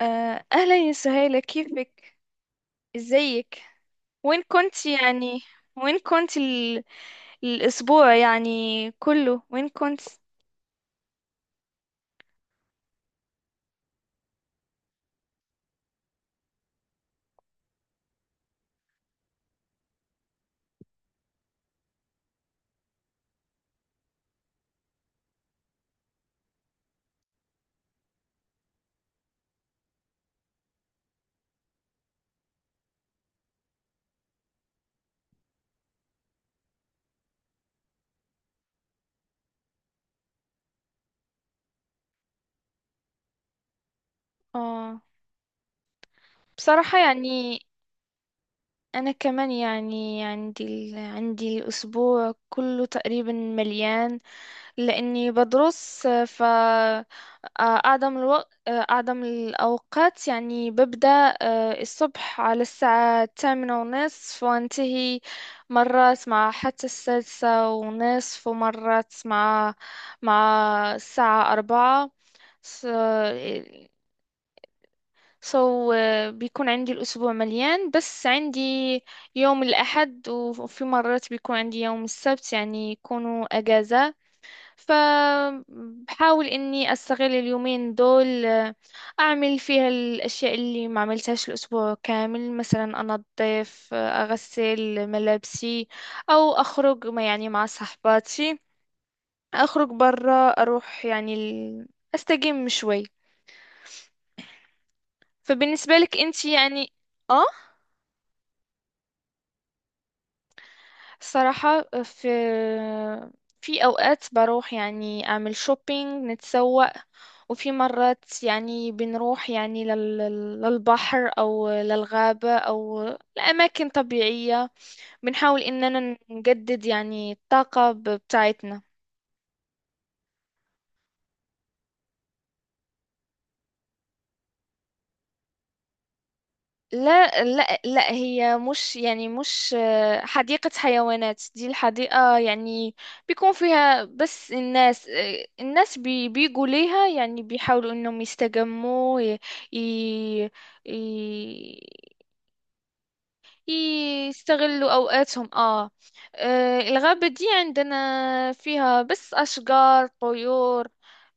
أهلا يا سهيلة، كيفك؟ ازيك؟ وين كنت يعني؟ وين كنت الأسبوع يعني كله؟ وين كنت؟ آه بصراحة يعني انا كمان يعني عندي عندي الاسبوع كله تقريبا مليان لاني بدرس ف آه، اعظم الوقت، اعظم الاوقات يعني ببدا الصبح على الساعه الثامنة ونصف، وانتهي مرات مع حتى السادسة ونصف، ومرات مع الساعه أربعة. سو بيكون عندي الأسبوع مليان، بس عندي يوم الأحد، وفي مرات بيكون عندي يوم السبت، يعني يكونوا أجازة. فبحاول إني أستغل اليومين دول، أعمل فيها الأشياء اللي ما عملتهاش الأسبوع كامل. مثلا أنظف، أغسل ملابسي، أو أخرج ما يعني مع صحباتي، أخرج برا، أروح يعني أستجم شوي. فبالنسبة لك أنت يعني؟ آه، صراحة في، في أوقات بروح يعني أعمل شوبينج، نتسوق. وفي مرات يعني بنروح يعني للبحر أو للغابة أو لأماكن طبيعية. بنحاول إننا نجدد يعني الطاقة بتاعتنا. لا لا لا، هي مش يعني مش حديقة حيوانات. دي الحديقة يعني بيكون فيها بس الناس، الناس بيجوا ليها يعني بيحاولوا انهم يستجموا، ي ي- يستغلوا اوقاتهم. اه، الغابة دي عندنا فيها بس اشجار، طيور،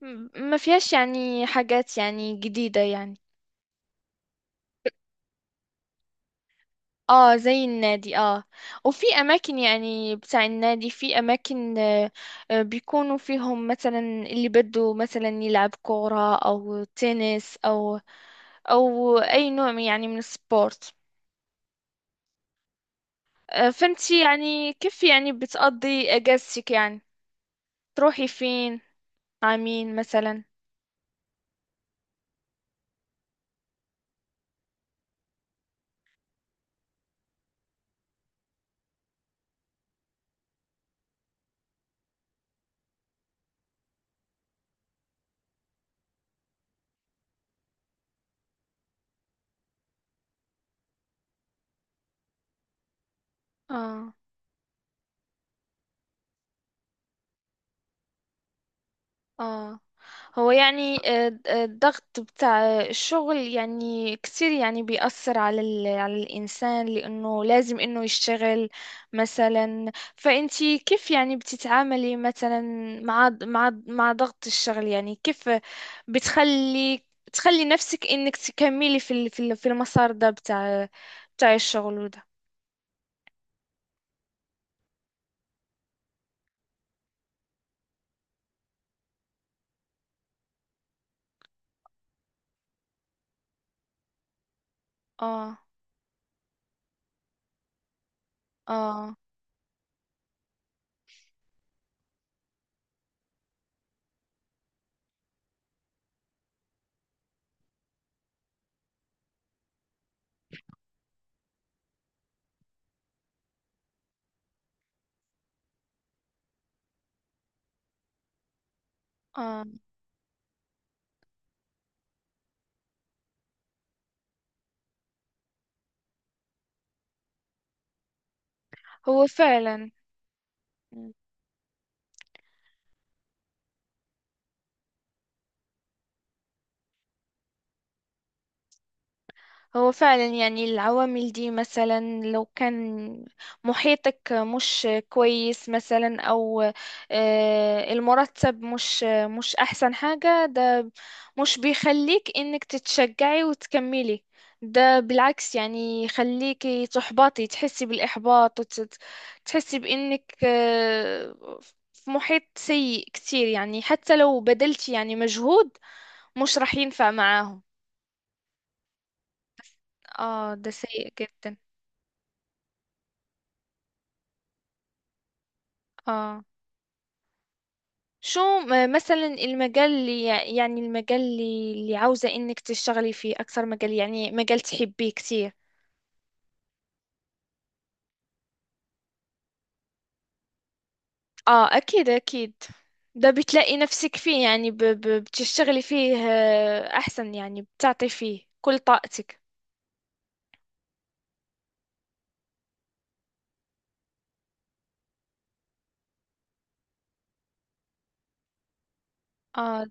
ما فيهاش يعني حاجات يعني جديدة يعني. اه زي النادي، اه. وفي اماكن يعني بتاع النادي، في اماكن بيكونوا فيهم مثلا اللي بده مثلا يلعب كورة او تنس او او اي نوع يعني من السبورت. فانتي يعني كيف يعني بتقضي اجازتك يعني؟ تروحي فين، مع مين مثلا؟ اه. اه، هو يعني الضغط بتاع الشغل يعني كتير، يعني بيأثر على على الإنسان، لأنه لازم إنه يشتغل مثلا. فأنتي كيف يعني بتتعاملي مثلا مع ضغط الشغل؟ يعني كيف بتخلي، تخلي نفسك إنك تكملي في في المسار ده بتاع، بتاع الشغل وده؟ اه، اه، اه. هو فعلا، هو فعلا يعني العوامل دي، مثلا لو كان محيطك مش كويس، مثلا او المرتب مش مش احسن حاجة، ده مش بيخليك انك تتشجعي وتكملي. ده بالعكس يعني يخليكي تحبطي، تحسي بالاحباط، وتحسي بانك في محيط سيء كتير، يعني حتى لو بذلتي يعني مجهود مش راح ينفع معاهم. اه ده سيء جدا. اه، شو مثلا المجال اللي يعني المجال اللي عاوزة انك تشتغلي فيه اكثر، مجال يعني مجال تحبيه كتير؟ اه اكيد اكيد. ده بتلاقي نفسك فيه يعني، ب ب بتشتغلي فيه احسن، يعني بتعطي فيه كل طاقتك. اه،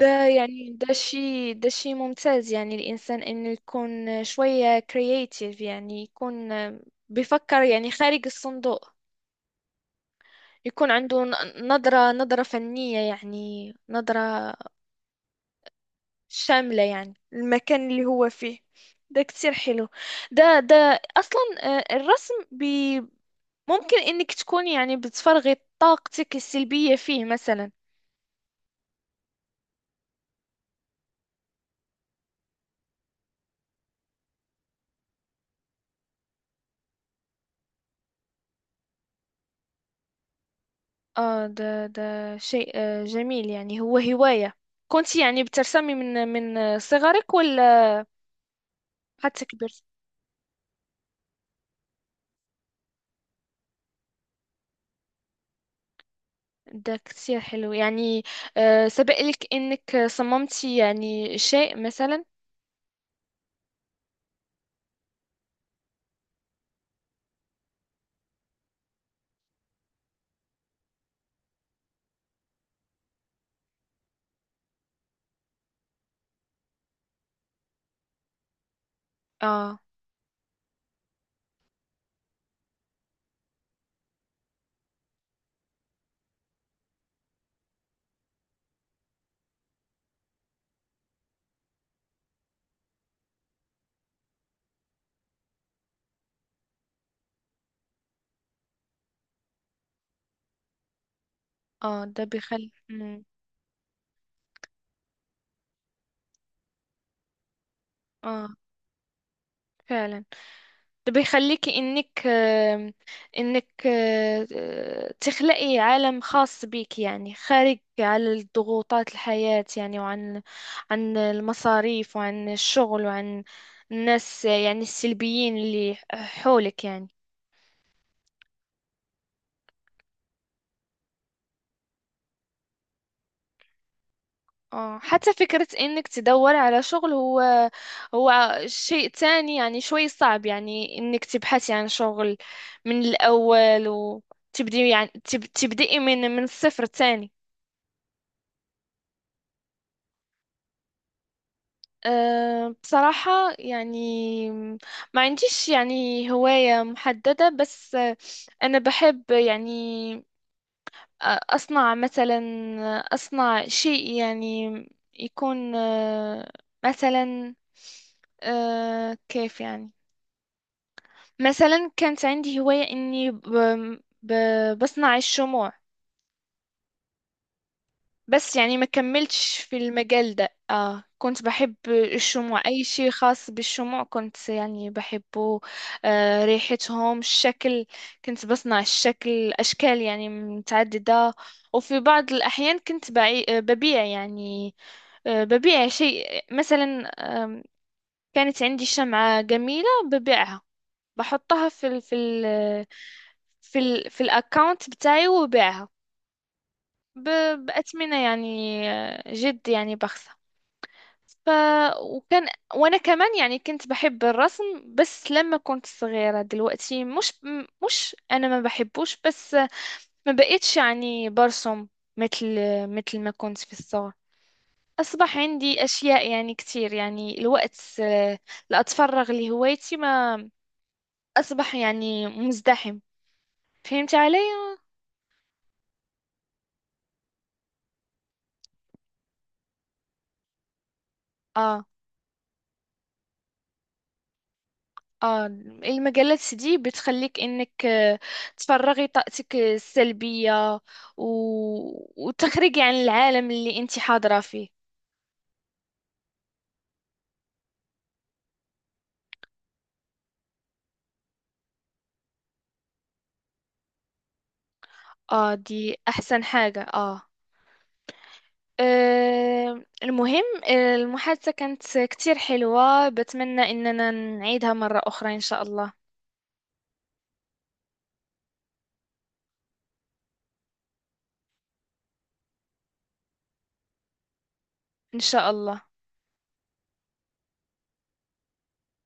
ده ده شيء ده شيء ممتاز، يعني الانسان انه يكون شوية كرياتيف، يعني يكون بيفكر يعني خارج الصندوق، يكون عنده نظرة، نظرة فنية، يعني نظرة شاملة يعني المكان اللي هو فيه. ده كتير حلو. ده ده أصلا الرسم ممكن إنك تكون يعني بتفرغي طاقتك السلبية فيه مثلا. آه ده ده شيء جميل، يعني هو هواية. كنت يعني بترسمي من صغرك ولا حتى كبرت؟ ده كتير حلو يعني. سبق لك إنك صممتي يعني شيء مثلا؟ اه اه. ده بيخلي، اه فعلا. ده بيخليكي انك تخلقي عالم خاص بيك، يعني خارج على ضغوطات الحياة يعني، وعن، عن المصاريف، وعن الشغل، وعن الناس يعني السلبيين اللي حولك يعني. اه حتى فكرة انك تدور على شغل، هو هو شيء تاني يعني، شوي صعب يعني انك تبحثي عن شغل من الاول وتبدي يعني تبدئي من الصفر تاني. أه بصراحة يعني ما عنديش يعني هواية محددة، بس أنا بحب يعني أصنع مثلا، أصنع شيء يعني يكون مثلا، كيف يعني، مثلا كانت عندي هواية إني بصنع الشموع. بس يعني ما كملتش في المجال ده. آه كنت بحب الشموع، أي شيء خاص بالشموع كنت يعني بحبه. آه ريحتهم، الشكل. كنت بصنع الشكل، أشكال يعني متعددة. وفي بعض الأحيان كنت بعي... آه، ببيع يعني، آه ببيع شيء مثلا. آم، كانت عندي شمعة جميلة ببيعها، بحطها في في الأكاونت بتاعي، وببيعها ب... بأثمنة يعني جد يعني بخس. ف وكان وانا كمان يعني كنت بحب الرسم، بس لما كنت صغيرة. دلوقتي مش، مش انا ما بحبوش، بس ما بقيتش يعني برسم مثل، مثل ما كنت في الصغر. اصبح عندي اشياء يعني كتير يعني، الوقت اللي اتفرغ لهوايتي ما، اصبح يعني مزدحم. فهمت علي؟ اه اه. المجلات دي بتخليك انك تفرغي طاقتك السلبية، و... وتخرجي عن العالم اللي انت حاضرة فيه. اه دي احسن حاجة، اه. المهم، المحادثة كانت كتير حلوة، بتمنى اننا نعيدها مرة اخرى ان شاء الله. ان شاء الله.